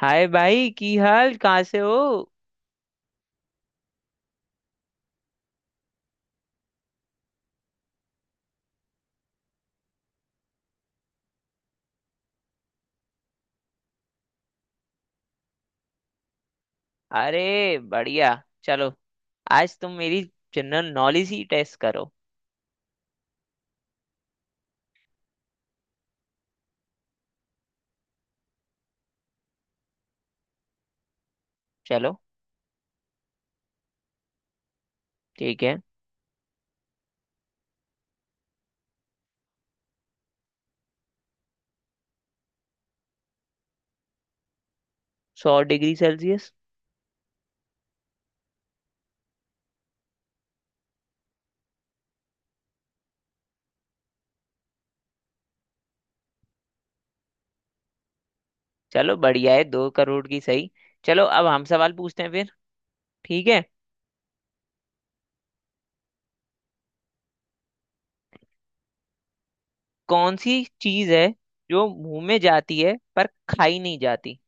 हाय भाई की हाल कहाँ से हो। अरे बढ़िया। चलो आज तुम मेरी जनरल नॉलेज ही टेस्ट करो। चलो। ठीक है। 100 डिग्री सेल्सियस। चलो बढ़िया है, 2 करोड़ की सही। चलो अब हम सवाल पूछते हैं फिर। ठीक है। कौन सी चीज है जो मुंह में जाती है पर खाई नहीं जाती?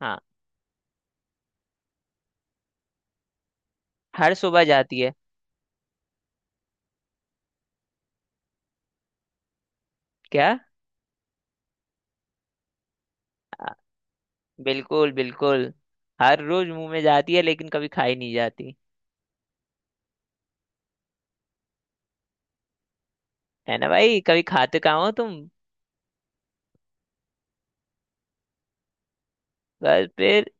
हाँ, हर सुबह जाती है। क्या? आ, बिल्कुल बिल्कुल। हर रोज मुंह में जाती है लेकिन कभी खाई नहीं जाती। है ना भाई, कभी खाते कहाँ हो तुम। बस फिर।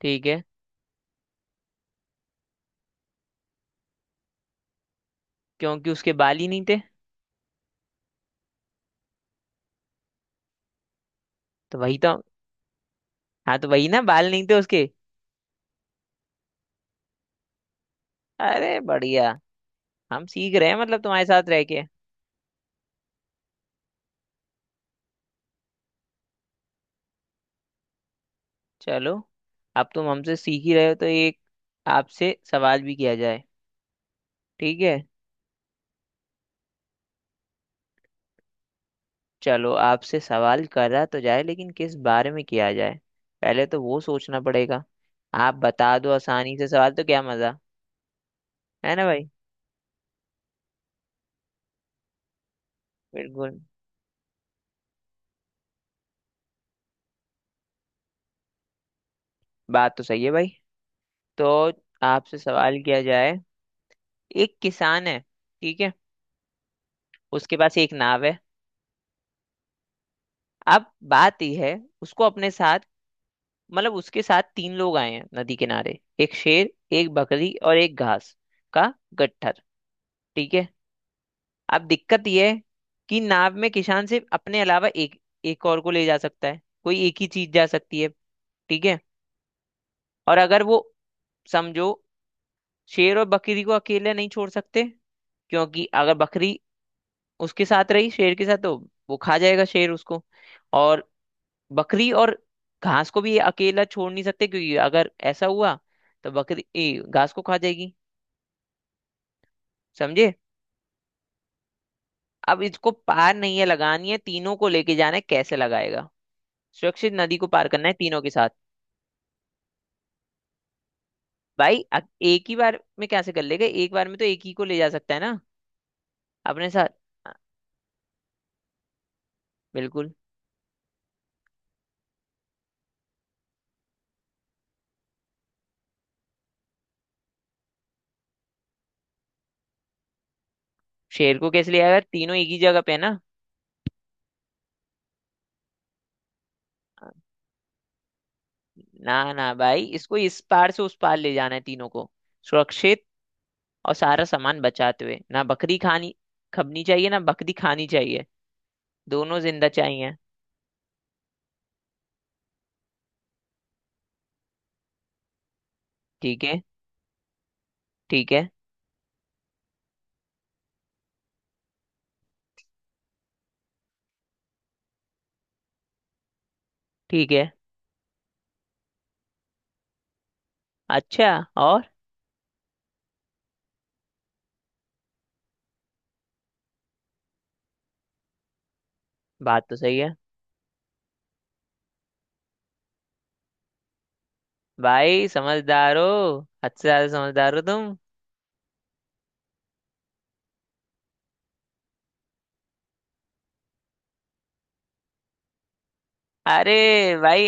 ठीक है। क्योंकि उसके बाल ही नहीं थे। तो वही तो। हाँ तो वही ना, बाल नहीं थे उसके। अरे बढ़िया। हम सीख रहे हैं मतलब तुम्हारे साथ रह के। चलो अब तुम हमसे सीख ही रहे हो तो एक आपसे सवाल भी किया जाए। ठीक है। चलो आपसे सवाल करा तो जाए, लेकिन किस बारे में किया जाए, पहले तो वो सोचना पड़ेगा। आप बता दो आसानी से सवाल तो क्या मजा। है ना भाई। बिल्कुल। बात तो सही है भाई। तो आपसे सवाल किया जाए। एक किसान है। ठीक है। उसके पास एक नाव है। अब बात यह है, उसको अपने साथ मतलब उसके साथ तीन लोग आए हैं नदी किनारे, एक शेर एक बकरी और एक घास का गट्ठर। ठीक है। अब दिक्कत यह है कि नाव में किसान सिर्फ अपने अलावा एक एक और को ले जा सकता है, कोई एक ही चीज जा सकती है। ठीक है। और अगर वो समझो, शेर और बकरी को अकेले नहीं छोड़ सकते क्योंकि अगर बकरी उसके साथ रही शेर के साथ तो वो खा जाएगा शेर उसको। और बकरी और घास को भी अकेला छोड़ नहीं सकते क्योंकि अगर ऐसा हुआ तो बकरी घास को खा जाएगी। समझे? अब इसको पार नहीं है लगानी है तीनों को लेके जाना है, कैसे लगाएगा। सुरक्षित नदी को पार करना है तीनों के साथ। भाई अ- एक ही बार में कैसे कर लेगा, एक बार में तो एक ही को ले जा सकता है ना अपने साथ। अ, बिल्कुल। शेर को कैसे ले आएगा, तीनों एक ही जगह पे है ना। ना ना भाई, इसको इस पार से उस पार ले जाना है तीनों को सुरक्षित और सारा सामान बचाते हुए। ना बकरी खानी खबनी चाहिए, ना बकरी खानी चाहिए, दोनों जिंदा चाहिए। ठीक है। ठीक है। ठीक है। अच्छा। और बात तो सही है भाई। समझदार हो, हद से ज्यादा समझदार हो तुम। अरे भाई,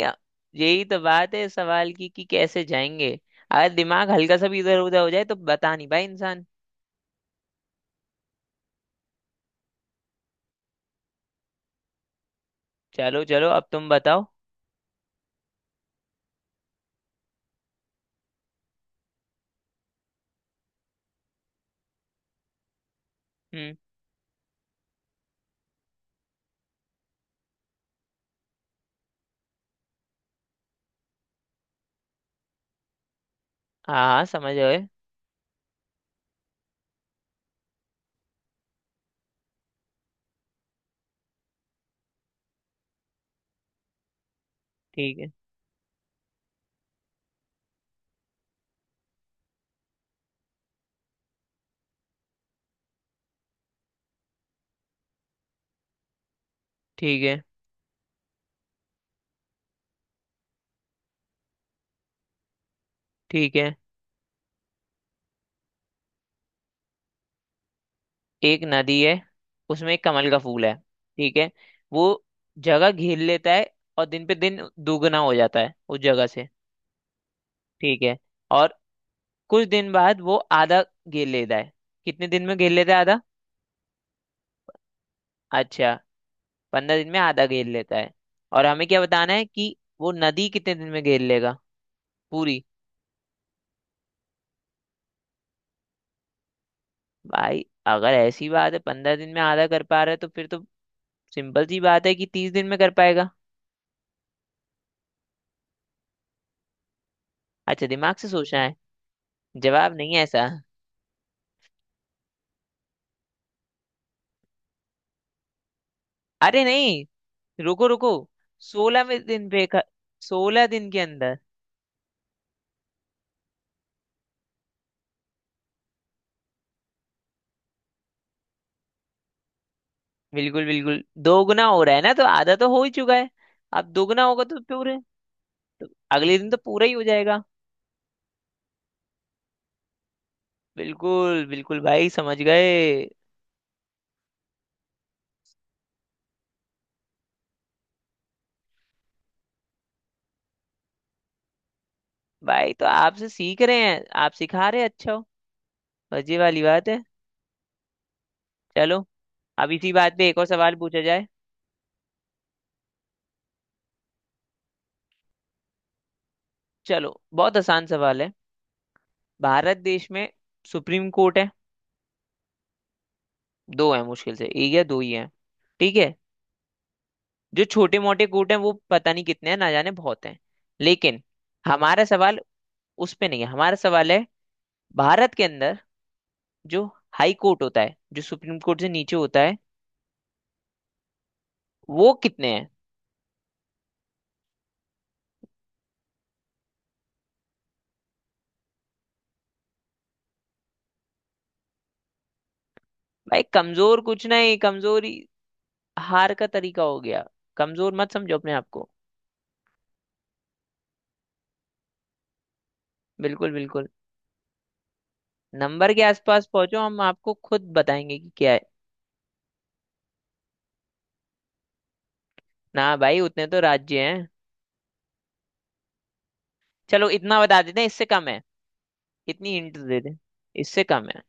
यही तो बात है सवाल की कि कैसे जाएंगे। अगर दिमाग हल्का सा भी इधर उधर हो जाए तो बता नहीं भाई इंसान। चलो चलो अब तुम बताओ। हम्म। हाँ हाँ समझ गए। ठीक है। ठीक है। ठीक है। एक नदी है, उसमें एक कमल का फूल है। ठीक है। वो जगह घेर लेता है और दिन पे दिन दुगना हो जाता है उस जगह से। ठीक है। और कुछ दिन बाद वो आधा घेर लेता है, कितने दिन में घेर लेता है आधा? अच्छा। 15 दिन में आधा घेर लेता है और हमें क्या बताना है कि वो नदी कितने दिन में घेर लेगा पूरी। भाई अगर ऐसी बात है 15 दिन में आधा कर पा रहा है तो फिर तो सिंपल सी बात है कि 30 दिन में कर पाएगा। अच्छा, दिमाग से सोचना है। जवाब नहीं है ऐसा? अरे नहीं, रुको रुको। सोलह में दिन पे कर, 16 दिन के अंदर। बिल्कुल बिल्कुल, दोगुना हो रहा है ना, तो आधा तो हो ही चुका है। अब दोगुना होगा तो पूरे अगले दिन तो पूरा ही हो जाएगा। बिल्कुल बिल्कुल भाई, समझ गए। भाई तो आपसे सीख रहे हैं, आप सिखा रहे हैं अच्छा हो। बस ये वाली बात है। चलो अब इसी बात पे एक और सवाल पूछा जाए। चलो बहुत आसान सवाल है। भारत देश में सुप्रीम कोर्ट है, दो है मुश्किल से, एक या दो ही है। ठीक है। जो छोटे मोटे कूट हैं वो पता नहीं कितने हैं, ना जाने बहुत हैं। लेकिन हमारा सवाल उस पे नहीं है। हमारा सवाल है भारत के अंदर जो हाई कोर्ट होता है, जो सुप्रीम कोर्ट से नीचे होता है, वो कितने हैं। भाई कमजोर कुछ नहीं, कमजोरी हार का तरीका हो गया। कमजोर मत समझो अपने आप को। बिल्कुल बिल्कुल। नंबर के आसपास पहुंचो, हम आपको खुद बताएंगे कि क्या है। ना भाई, उतने तो राज्य हैं। चलो इतना बता देते हैं, इससे कम है। इतनी हिंट दे दें, इससे कम है।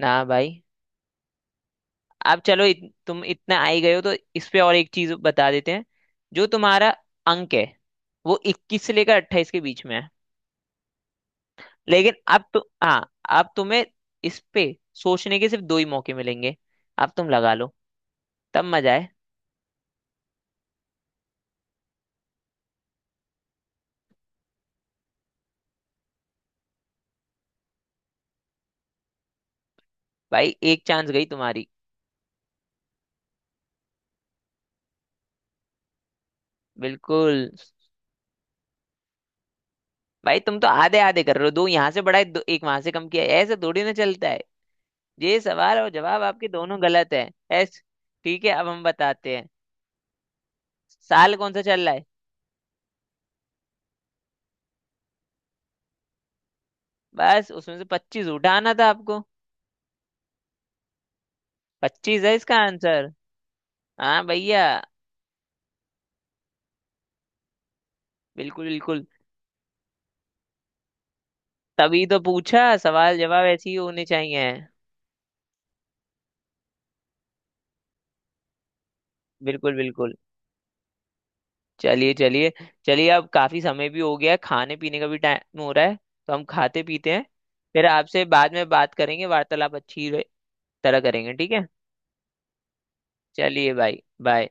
ना भाई। अब चलो तुम इतना आ ही गए हो तो इस पे और एक चीज बता देते हैं, जो तुम्हारा अंक है वो 21 से लेकर 28 के बीच में है। लेकिन अब तो हाँ, अब तुम्हें इस पे सोचने के सिर्फ दो ही मौके मिलेंगे। अब तुम लगा लो, तब मजा है। भाई एक चांस गई तुम्हारी। बिल्कुल। भाई तुम तो आधे आधे कर रहे हो, दो यहाँ से बढ़ाए दो एक वहां से कम किया है। ऐसे थोड़ी ना चलता है। ये सवाल और जवाब आपके दोनों गलत है। ऐस ठीक है, अब हम बताते हैं। साल कौन सा चल रहा है? बस उसमें से 25 उठाना था आपको, 25 है इसका आंसर। हाँ भैया। बिल्कुल बिल्कुल। तभी तो पूछा, सवाल जवाब ऐसे ही होने चाहिए। बिल्कुल बिल्कुल। चलिए चलिए। चलिए अब काफी समय भी हो गया है, खाने पीने का भी टाइम हो रहा है। तो हम खाते पीते हैं। फिर आपसे बाद में बात करेंगे, वार्तालाप अच्छी तरह करेंगे। ठीक है। चलिए भाई, बाय।